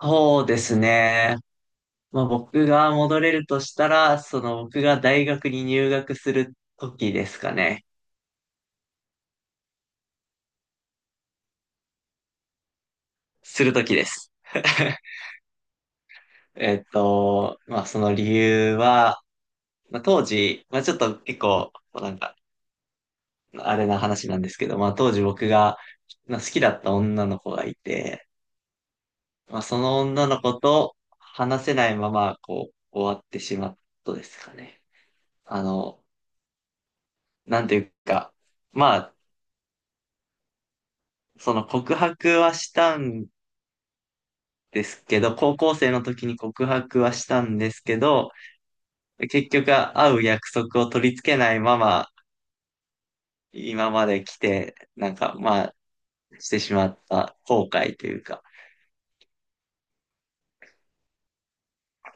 そうですね。まあ、僕が戻れるとしたら、その僕が大学に入学する時ですかね。する時です。まあ、その理由は、まあ、当時、まあ、ちょっと結構、なんか、あれな話なんですけど、まあ、当時僕が、まあ、好きだった女の子がいて、まあ、その女の子と話せないまま、こう、終わってしまったですかね。あの、なんていうか、まあ、その告白はしたんですけど、高校生の時に告白はしたんですけど、結局会う約束を取り付けないまま、今まで来て、なんか、まあ、してしまった後悔というか、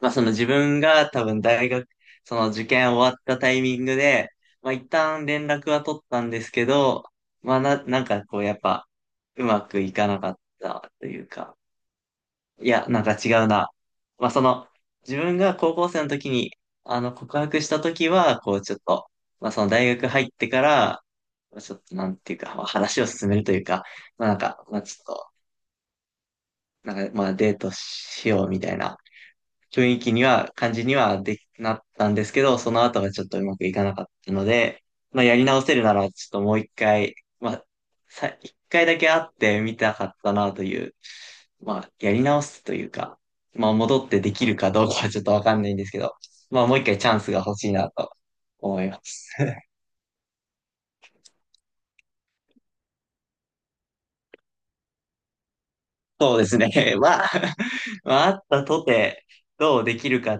まあ、その自分が多分大学、その受験終わったタイミングで、まあ、一旦連絡は取ったんですけど、まあ、なんかこう、やっぱ、うまくいかなかったというか、いや、なんか違うな。まあ、その、自分が高校生の時に、告白した時は、こう、ちょっと、まあ、その大学入ってから、まあちょっと、なんていうか、まあ、話を進めるというか、まあ、なんか、まあ、ちょっと、なんか、まあ、デートしようみたいな雰囲気には、感じにはできなったんですけど、その後がちょっとうまくいかなかったので、まあ、やり直せるなら、ちょっともう一回、まあ、一回だけ会ってみたかったなという、まあ、やり直すというか、まあ、戻ってできるかどうかはちょっとわかんないんですけど、まあ、もう一回チャンスが欲しいなと思います。そうですね。まあ、まあ、あったとて、どうできるか。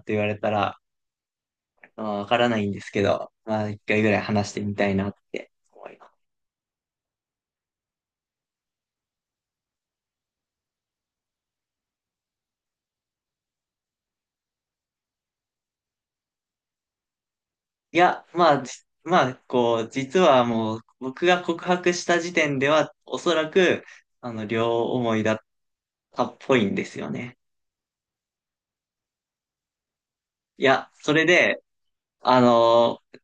いや、まあ、まあ、こう、実はもう、僕が告白した時点では、おそらく、両思いだったっぽいんですよね。いや、それで、あのー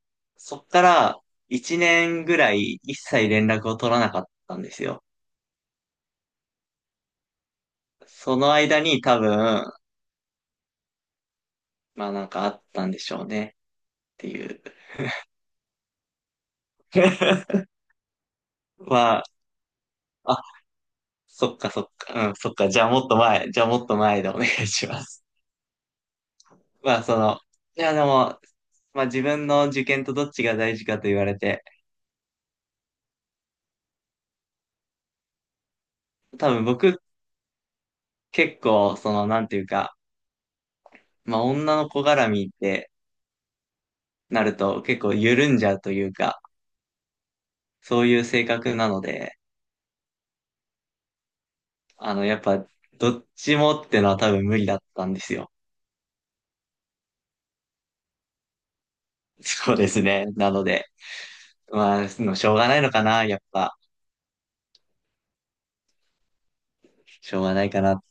そっから1年ぐらい一切連絡を取らなかったんですよ。その間に多分、まあなんかあったんでしょうねっていう。まあ、あ、そっかそっか、うん、そっか、じゃあもっと前、じゃあもっと前でお願いします。まあ、その、いや、でも、まあ自分の受験とどっちが大事かと言われて、多分僕結構、その、なんていうか、まあ女の子絡みってなると結構緩んじゃうというか、そういう性格なので、やっぱ、どっちもってのは多分無理だったんですよ。そうですね。なので、まあ、そのしょうがないのかな、やっぱ、しょうがないかな。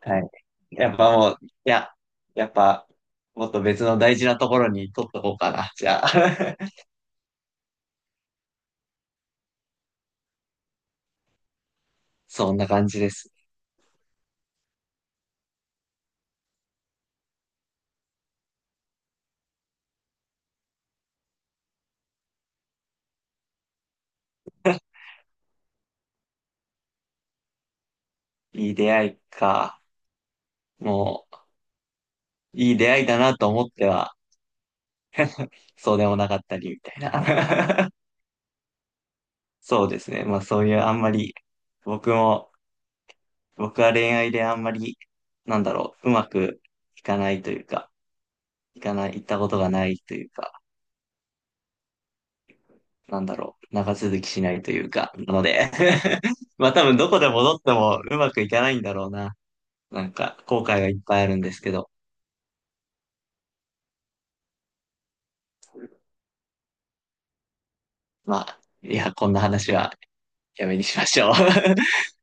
はい。やっぱもう、いや、やっぱ、もっと別の大事なところに取っとこうかな、じゃあ。そんな感じです。いい出会いか。もう、いい出会いだなと思っては、そうでもなかったり、みたいな。そうですね。まあそういうあんまり、僕も、僕は恋愛であんまり、なんだろう、うまくいかないというか、いかない、行ったことがないというか、なんだろう、長続きしないというか、なので。 まあ多分どこで戻ってもうまくいかないんだろうな。なんか、後悔がいっぱいあるんですけど、まあ、いや、こんな話はやめにしましょう。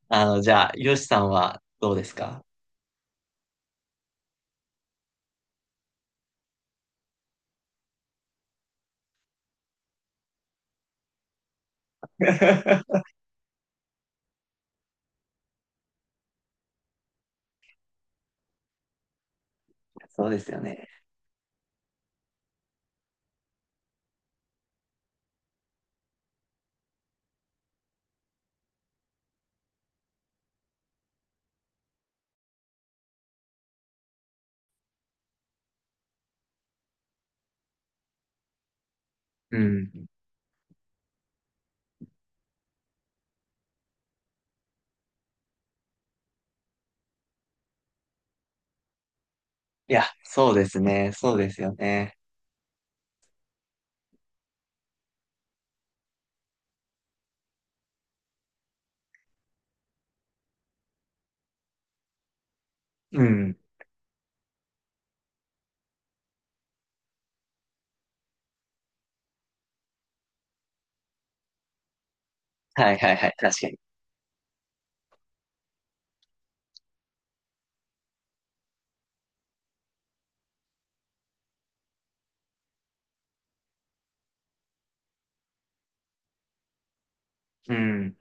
じゃあ、よしさんはどうですか？ そうですよね。うん。いや、そうですね。そうですよね。うん。はいはいはい。確かに。うん。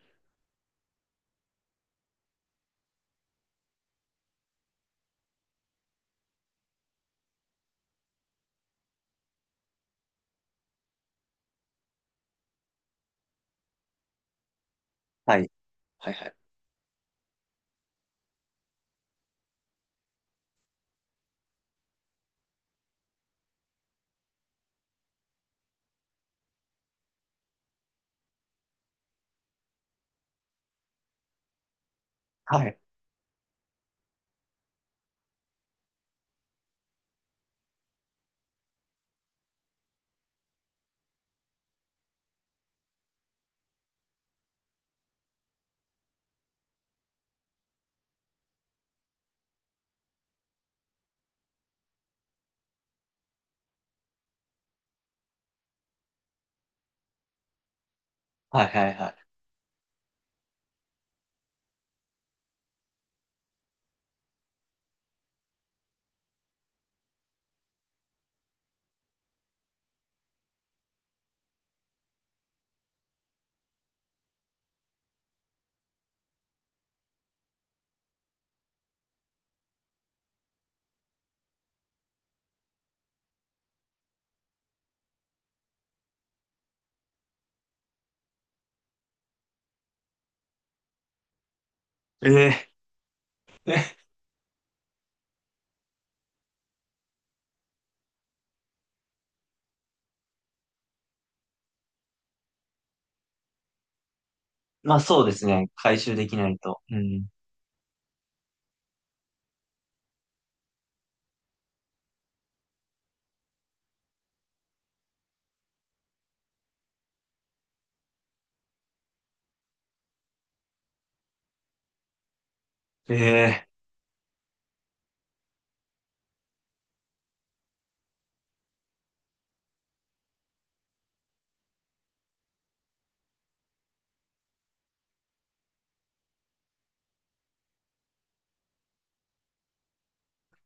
はい。はいはい。はい。はいはいはい。えええ。 まあそうですね。回収できないと。うん。ええ。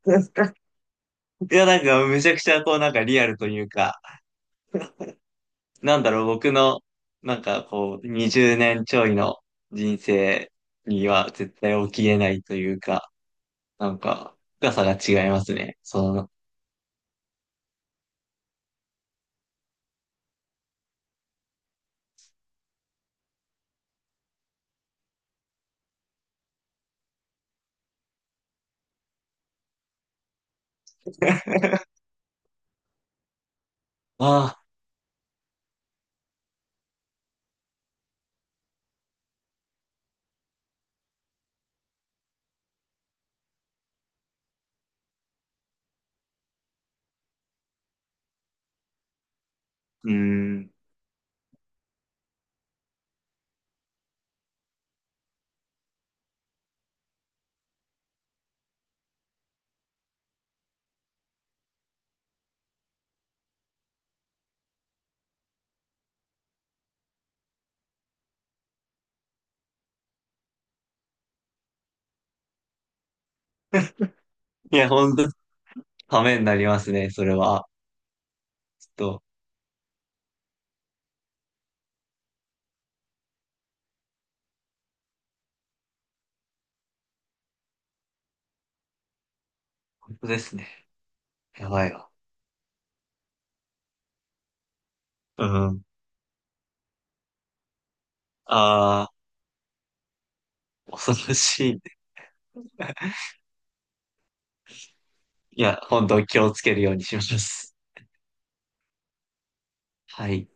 いや、なんか、めちゃくちゃ、こう、なんかリアルというか、なんだろう、僕の、なんか、こう、20年ちょいの人生には絶対起きれないというか、なんか、深さが違いますね。その、ああ、うーん。いや、ほんと、ためになりますね、それは。ちょっと、本当ですね。やばいわ。うん。ああ、恐ろしい。いや、本当気をつけるようにします。はい。